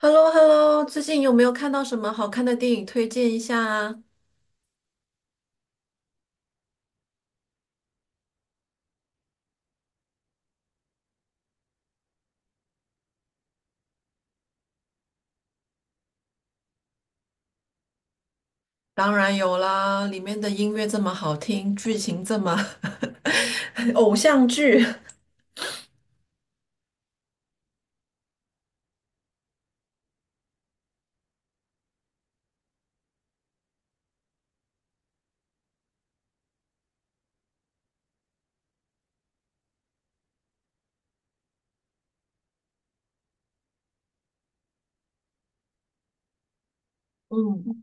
h e l l o h e l l o 最近有没有看到什么好看的电影推荐一下啊？当然有啦，里面的音乐这么好听，剧情这么 偶像剧。嗯。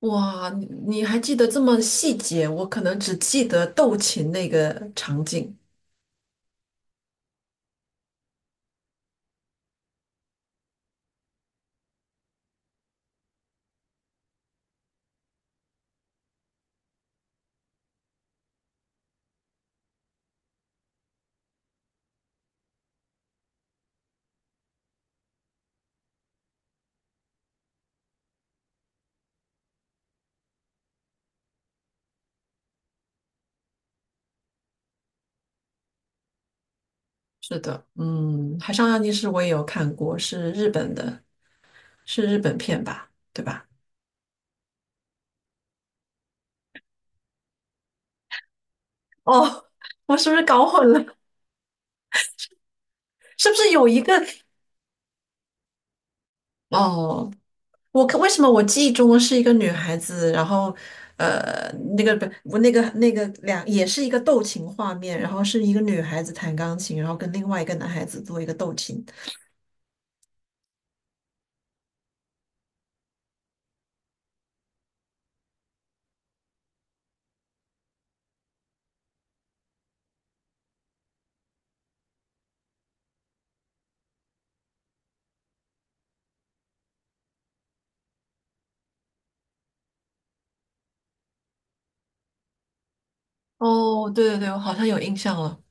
哇，你还记得这么细节？我可能只记得斗琴那个场景。是的。嗯，《海上钢琴师》我也有看过，是日本的，是日本片吧？对吧？哦，我是不是搞混了？是不是有一个？哦，我看为什么我记忆中是一个女孩子，然后呃，那个不，我那个两也是一个斗琴画面，然后是一个女孩子弹钢琴，然后跟另外一个男孩子做一个斗琴。哦，对对对，我好像有印象了。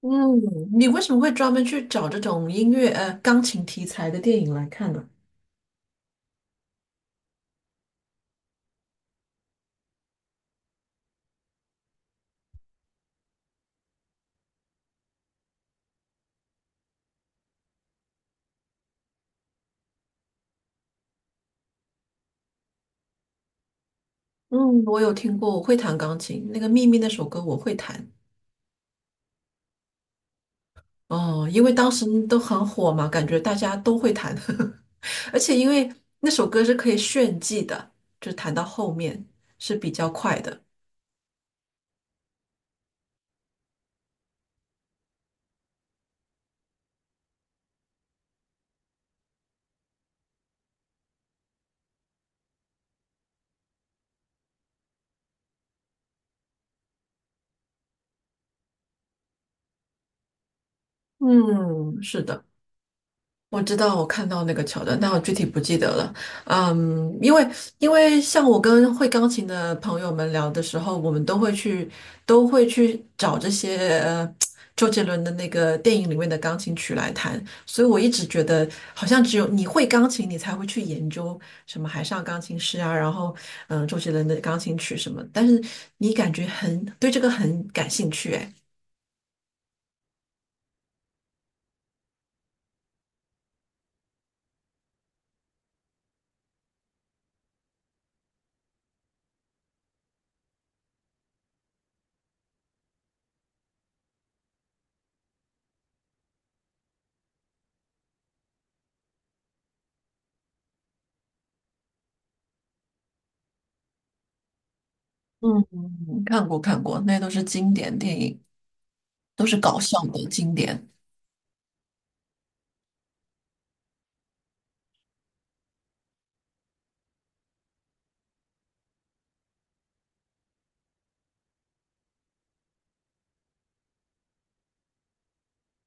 嗯，你为什么会专门去找这种音乐钢琴题材的电影来看呢？嗯，我有听过，我会弹钢琴，那个《秘密》那首歌我会弹。哦，因为当时都很火嘛，感觉大家都会弹。而且因为那首歌是可以炫技的，就弹到后面是比较快的。嗯，是的。我知道，我看到那个桥段，但我具体不记得了。嗯，因为像我跟会钢琴的朋友们聊的时候，我们都会去找这些周杰伦的那个电影里面的钢琴曲来弹，所以我一直觉得好像只有你会钢琴，你才会去研究什么海上钢琴师啊，然后周杰伦的钢琴曲什么，但是你感觉很对这个很感兴趣，哎。嗯，看过看过，那都是经典电影。都是搞笑的经典。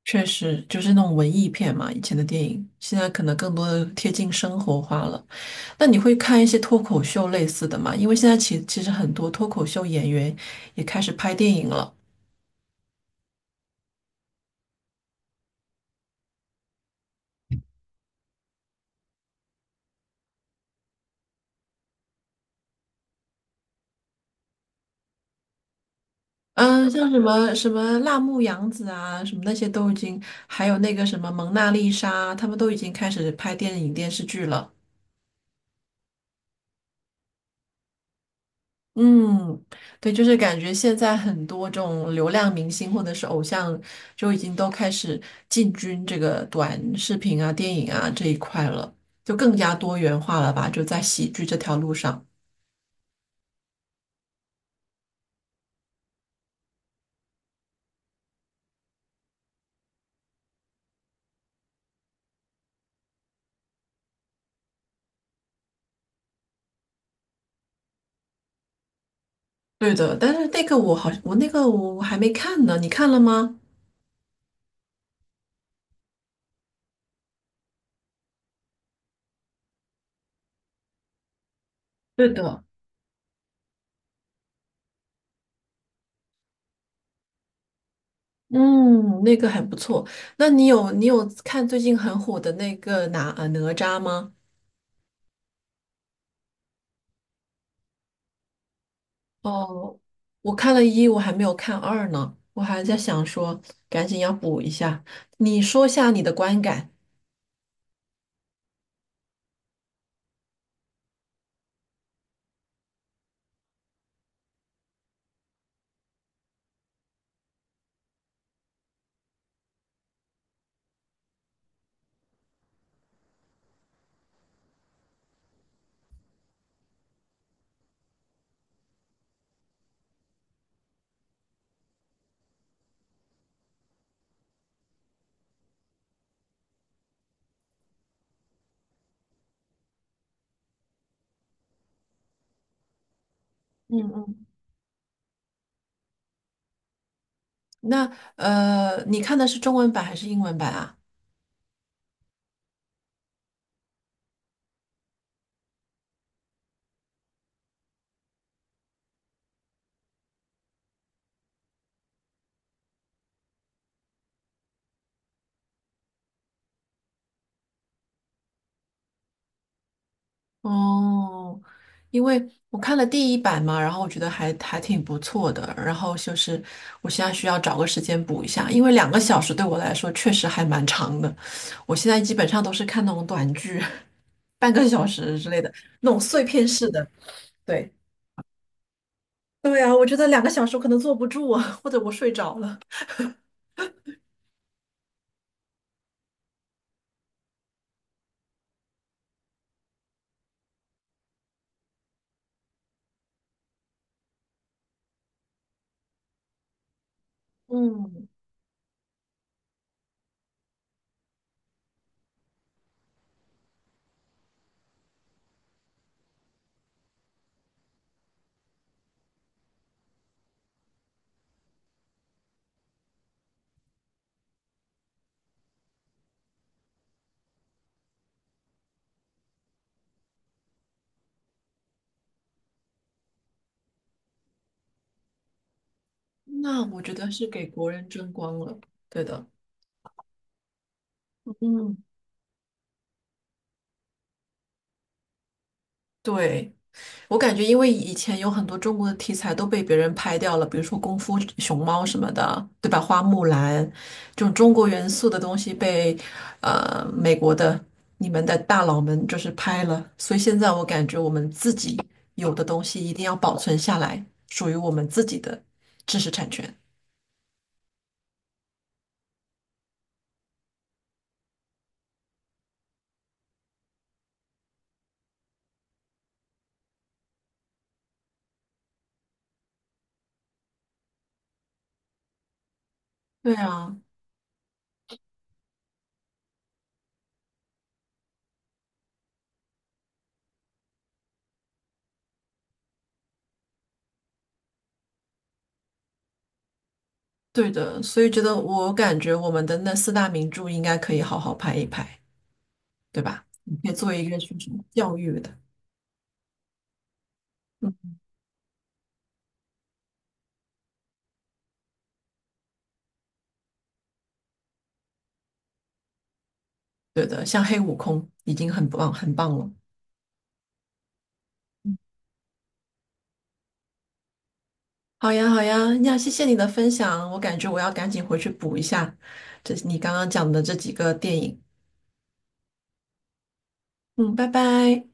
确实就是那种文艺片嘛，以前的电影，现在可能更多的贴近生活化了。那你会看一些脱口秀类似的吗？因为现在其实很多脱口秀演员也开始拍电影了。嗯，像什么什么辣目洋子啊，什么那些都已经，还有那个什么蒙娜丽莎，他们都已经开始拍电影电视剧了。嗯，对，就是感觉现在很多这种流量明星或者是偶像，就已经都开始进军这个短视频啊、电影啊这一块了，就更加多元化了吧？就在喜剧这条路上。对的，但是那个我我还没看呢，你看了吗？对的。嗯，那个还不错。那你有你有看最近很火的那个哪吒吗？哦，我看了一，我还没有看二呢，我还在想说赶紧要补一下。你说下你的观感。嗯嗯。那你看的是中文版还是英文版啊？哦，因为我看了第一版嘛，然后我觉得还挺不错的，然后就是我现在需要找个时间补一下，因为两个小时对我来说确实还蛮长的。我现在基本上都是看那种短剧，半个小时之类的，那种碎片式的。对。对啊，我觉得两个小时我可能坐不住啊，或者我睡着了。嗯，那我觉得是给国人争光了。对的。嗯，对，我感觉因为以前有很多中国的题材都被别人拍掉了，比如说功夫熊猫什么的，对吧？花木兰这种中国元素的东西被呃美国的你们的大佬们就是拍了，所以现在我感觉我们自己有的东西一定要保存下来，属于我们自己的知识产权。对啊。对的，所以觉得我感觉我们的那四大名著应该可以好好拍一拍，对吧？你可以做一个什么教育的。嗯，对的，像黑悟空已经很棒很棒了。好呀，好呀，呀，谢谢你的分享，我感觉我要赶紧回去补一下这你刚刚讲的这几个电影。嗯，拜拜。